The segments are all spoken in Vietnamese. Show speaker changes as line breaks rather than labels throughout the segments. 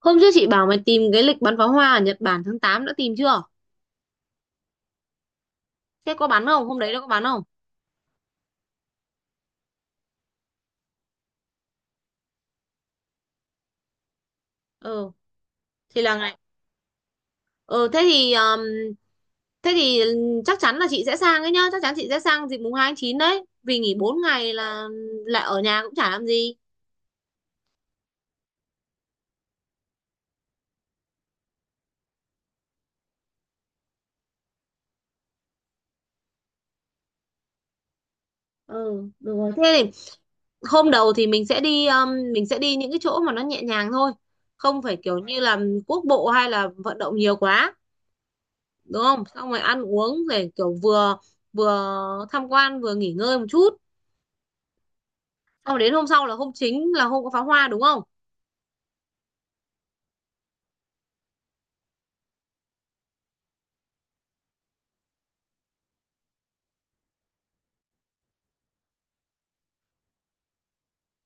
Hôm trước chị bảo mày tìm cái lịch bắn pháo hoa ở Nhật Bản tháng 8 đã tìm chưa? Thế có bắn không? Hôm đấy nó có bắn không? Ừ, thì là ngày. Ừ, thế thì chắc chắn là chị sẽ sang ấy nhá, chắc chắn chị sẽ sang dịp mùng hai tháng 9 đấy, vì nghỉ 4 ngày là lại ở nhà cũng chả làm gì. Ừ, được rồi. Thế thì hôm đầu thì mình sẽ đi những cái chỗ mà nó nhẹ nhàng thôi, không phải kiểu như là quốc bộ hay là vận động nhiều quá, đúng không? Xong rồi ăn uống để kiểu vừa vừa tham quan vừa nghỉ ngơi một chút. Sau đến hôm sau là hôm chính là hôm có pháo hoa đúng không?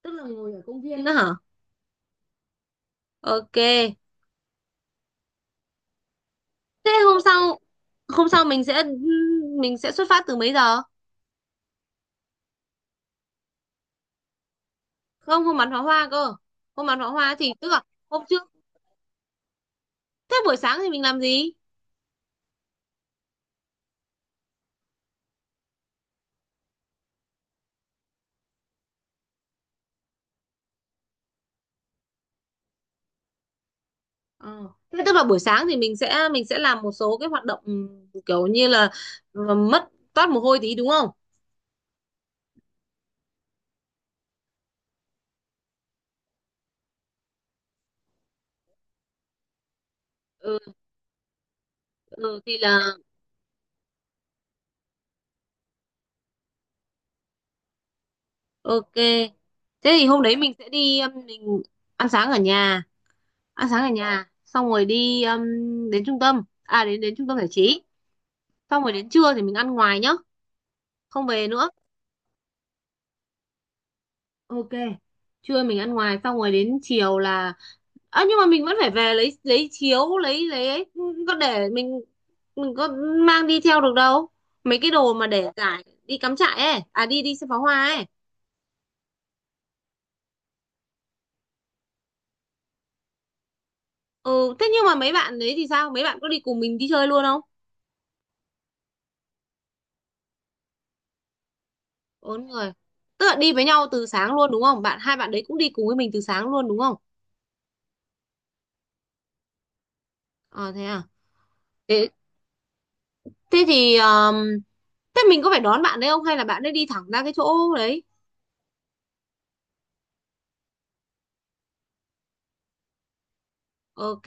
Tức là ngồi ở công viên đó hả? Ok. Thế hôm sau mình sẽ xuất phát từ mấy giờ? Không, không bắn pháo hoa cơ. Không bắn pháo hoa thì tức là hôm trước. Thế buổi sáng thì mình làm gì? Ờ. Thế tức là buổi sáng thì mình sẽ làm một số cái hoạt động kiểu như là mất toát mồ hôi tí đúng không? Ừ, ừ thì là ok. Thế thì hôm đấy mình sẽ đi mình ăn sáng ở nhà. Ăn sáng ở nhà xong rồi đi đến trung tâm à đến đến trung tâm giải trí xong rồi đến trưa thì mình ăn ngoài nhá, không về nữa. Ok, trưa mình ăn ngoài xong rồi đến chiều là à, nhưng mà mình vẫn phải về lấy chiếu lấy ấy. Có để mình có mang đi theo được đâu mấy cái đồ mà để giải đi cắm trại ấy à đi đi xem pháo hoa ấy. Ừ thế nhưng mà mấy bạn đấy thì sao, mấy bạn có đi cùng mình đi chơi luôn không? Bốn người, tức là đi với nhau từ sáng luôn đúng không, bạn hai bạn đấy cũng đi cùng với mình từ sáng luôn đúng không? Ờ thế à. Thế, thế thì thế mình có phải đón bạn đấy không hay là bạn ấy đi thẳng ra cái chỗ đấy? Ok.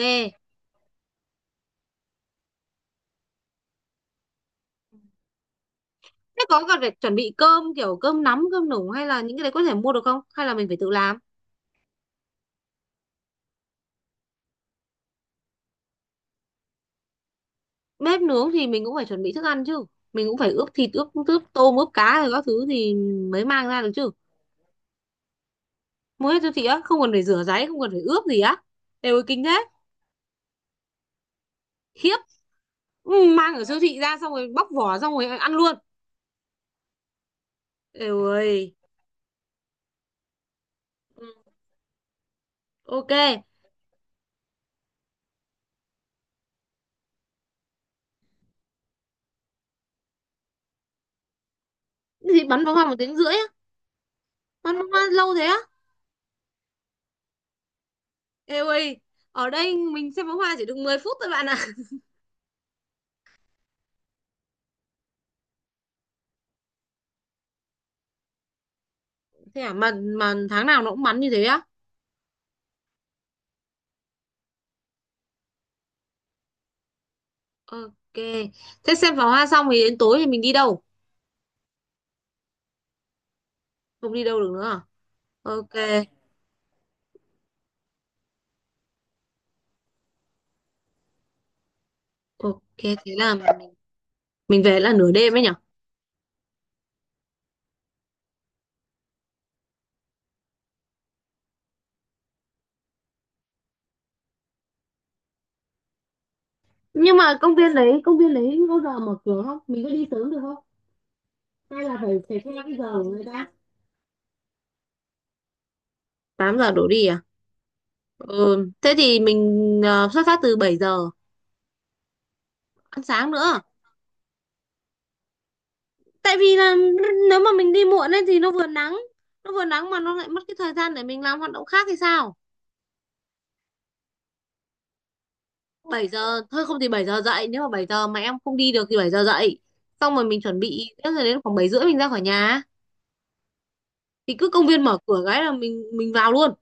Thế có cần phải chuẩn bị cơm kiểu cơm nắm, cơm nủ hay là những cái đấy có thể mua được không? Hay là mình phải tự làm? Bếp nướng thì mình cũng phải chuẩn bị thức ăn chứ. Mình cũng phải ướp thịt, ướp ướp tôm, ướp cá rồi các thứ thì mới mang ra được chứ. Mua hết siêu thị á, không cần phải rửa ráy, không cần phải ướp gì á. Đều ơi, kinh thế. Khiếp. Ừ, mang ở siêu thị ra xong rồi bóc vỏ xong rồi ăn luôn. Đều ơi. Ừ, ok. Thế thì bắn pháo hoa 1 tiếng rưỡi á. Bắn pháo hoa lâu thế á? Ê ơi, ở đây mình xem pháo hoa chỉ được 10 phút thôi bạn ạ. Thế à, mà tháng nào nó cũng bắn như thế á? Ok, thế xem pháo hoa xong thì đến tối thì mình đi đâu? Không đi đâu được nữa à? Ok, ok, thế là mình về là nửa đêm ấy nhở? Nhưng mà công viên đấy có giờ mở cửa không? Mình có đi sớm được không? Hay là phải phải theo cái giờ của người ta? 8 giờ đổ đi à? Ừ, thế thì mình xuất phát từ 7 giờ, ăn sáng nữa. Tại vì là nếu mà mình đi muộn ấy thì nó vừa nắng, nó vừa nắng mà nó lại mất cái thời gian để mình làm hoạt động khác thì sao. Bảy giờ thôi, không thì 7 giờ dậy, nếu mà 7 giờ mà em không đi được thì 7 giờ dậy xong rồi mình chuẩn bị, thế rồi đến khoảng 7 rưỡi mình ra khỏi nhà, thì cứ công viên mở cửa cái là mình vào luôn.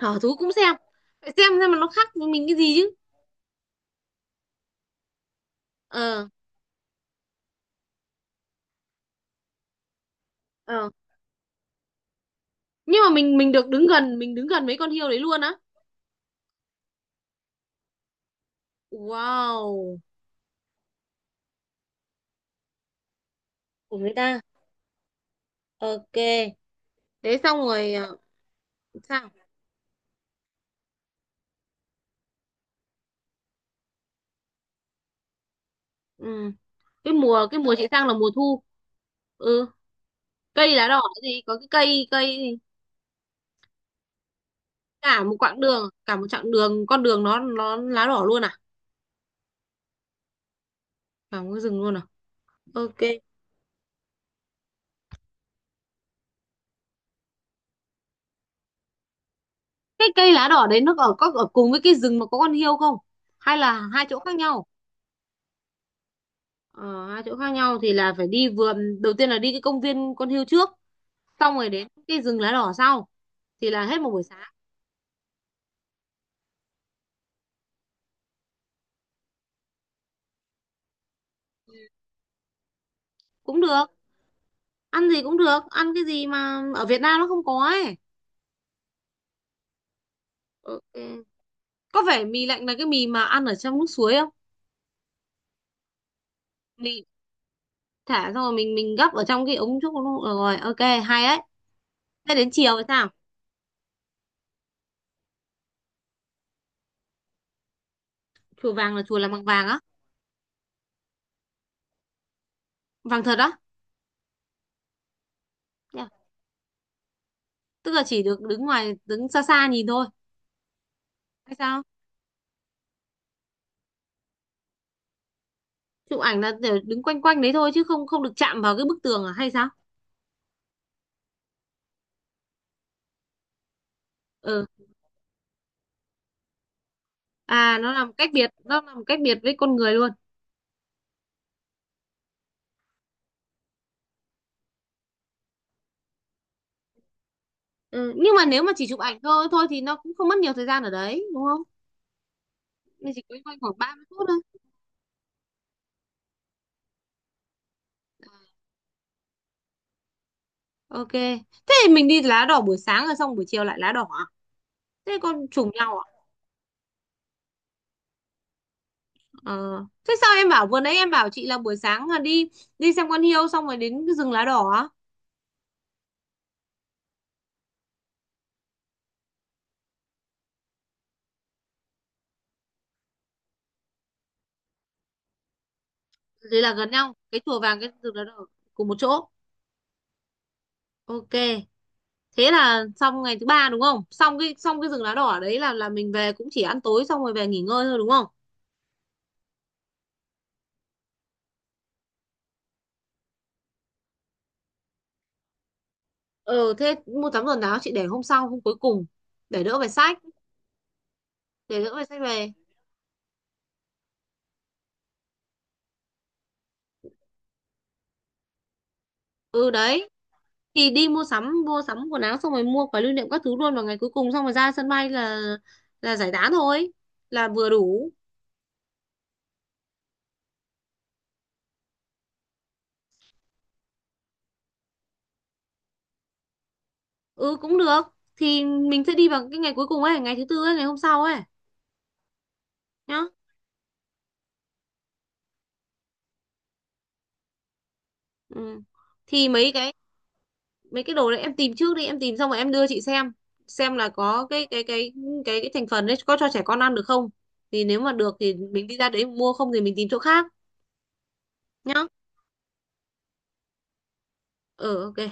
Sở thú cũng xem, phải xem mà nó khác với mình cái gì chứ. Ờ, ờ, nhưng mà mình được đứng gần, mình đứng gần mấy con hươu đấy luôn á? Wow, của người ta. Ok, thế xong rồi sao? Ừ, cái mùa chị sang là mùa thu. Ừ, cây lá đỏ cái gì, có cái cây cây cả một quãng đường, cả một chặng đường con đường nó lá đỏ luôn à? Cả một cái rừng luôn à? Ok. Cái cây lá đỏ đấy nó ở có ở cùng với cái rừng mà có con hiêu không, hay là hai chỗ khác nhau? Ờ, Hai chỗ khác nhau thì là phải đi vườn, đầu tiên là đi cái công viên con hươu trước, xong rồi đến cái rừng lá đỏ sau, thì là hết một buổi sáng. Cũng được, ăn gì cũng được, ăn cái gì mà ở Việt Nam nó không có ấy. Ok. Có phải mì lạnh là cái mì mà ăn ở trong nước suối không? Mì thả xong rồi mình gấp ở trong cái ống trúc luôn. Ờ, rồi ok, hay đấy. Thế đến chiều thì sao? Chùa vàng là chùa làm bằng vàng á? Vàng thật á? Dạ. Tức là chỉ được đứng ngoài, đứng xa xa nhìn thôi hay sao? Chụp ảnh là để đứng quanh quanh đấy thôi chứ không, không được chạm vào cái bức tường à hay sao? Ừ, à, nó làm cách biệt, nó làm cách biệt với con người luôn. Ừ. Nhưng mà nếu mà chỉ chụp ảnh thôi thôi thì nó cũng không mất nhiều thời gian ở đấy đúng không, mình chỉ quanh quanh khoảng 30 phút. Ok. Thế thì mình đi lá đỏ buổi sáng rồi xong buổi chiều lại lá đỏ à? Thế con trùng nhau à? Ờ. Thế sao em bảo, vừa nãy em bảo chị là buổi sáng là đi, đi xem con hiêu xong rồi đến cái rừng lá đỏ á? Thế là gần nhau, cái chùa vàng cái rừng lá đỏ cùng một chỗ. Ok. Thế là xong ngày thứ ba đúng không? Xong cái rừng lá đỏ đấy là mình về cũng chỉ ăn tối xong rồi về nghỉ ngơi thôi đúng không? Ờ thế mua sắm quần áo chị để hôm sau, hôm cuối cùng để đỡ phải sách, để đỡ phải sách về. Ừ đấy. Thì đi mua sắm, mua sắm quần áo xong rồi mua quà lưu niệm các thứ luôn vào ngày cuối cùng, xong rồi ra sân bay là giải tán thôi, là vừa đủ. Ừ cũng được, thì mình sẽ đi vào cái ngày cuối cùng ấy, ngày thứ tư ấy, ngày hôm sau ấy nhá. Ừ. Thì mấy cái đồ đấy em tìm trước đi, em tìm xong rồi em đưa chị xem là có cái thành phần đấy có cho trẻ con ăn được không, thì nếu mà được thì mình đi ra đấy mua, không thì mình tìm chỗ khác nhá. Ừ ok.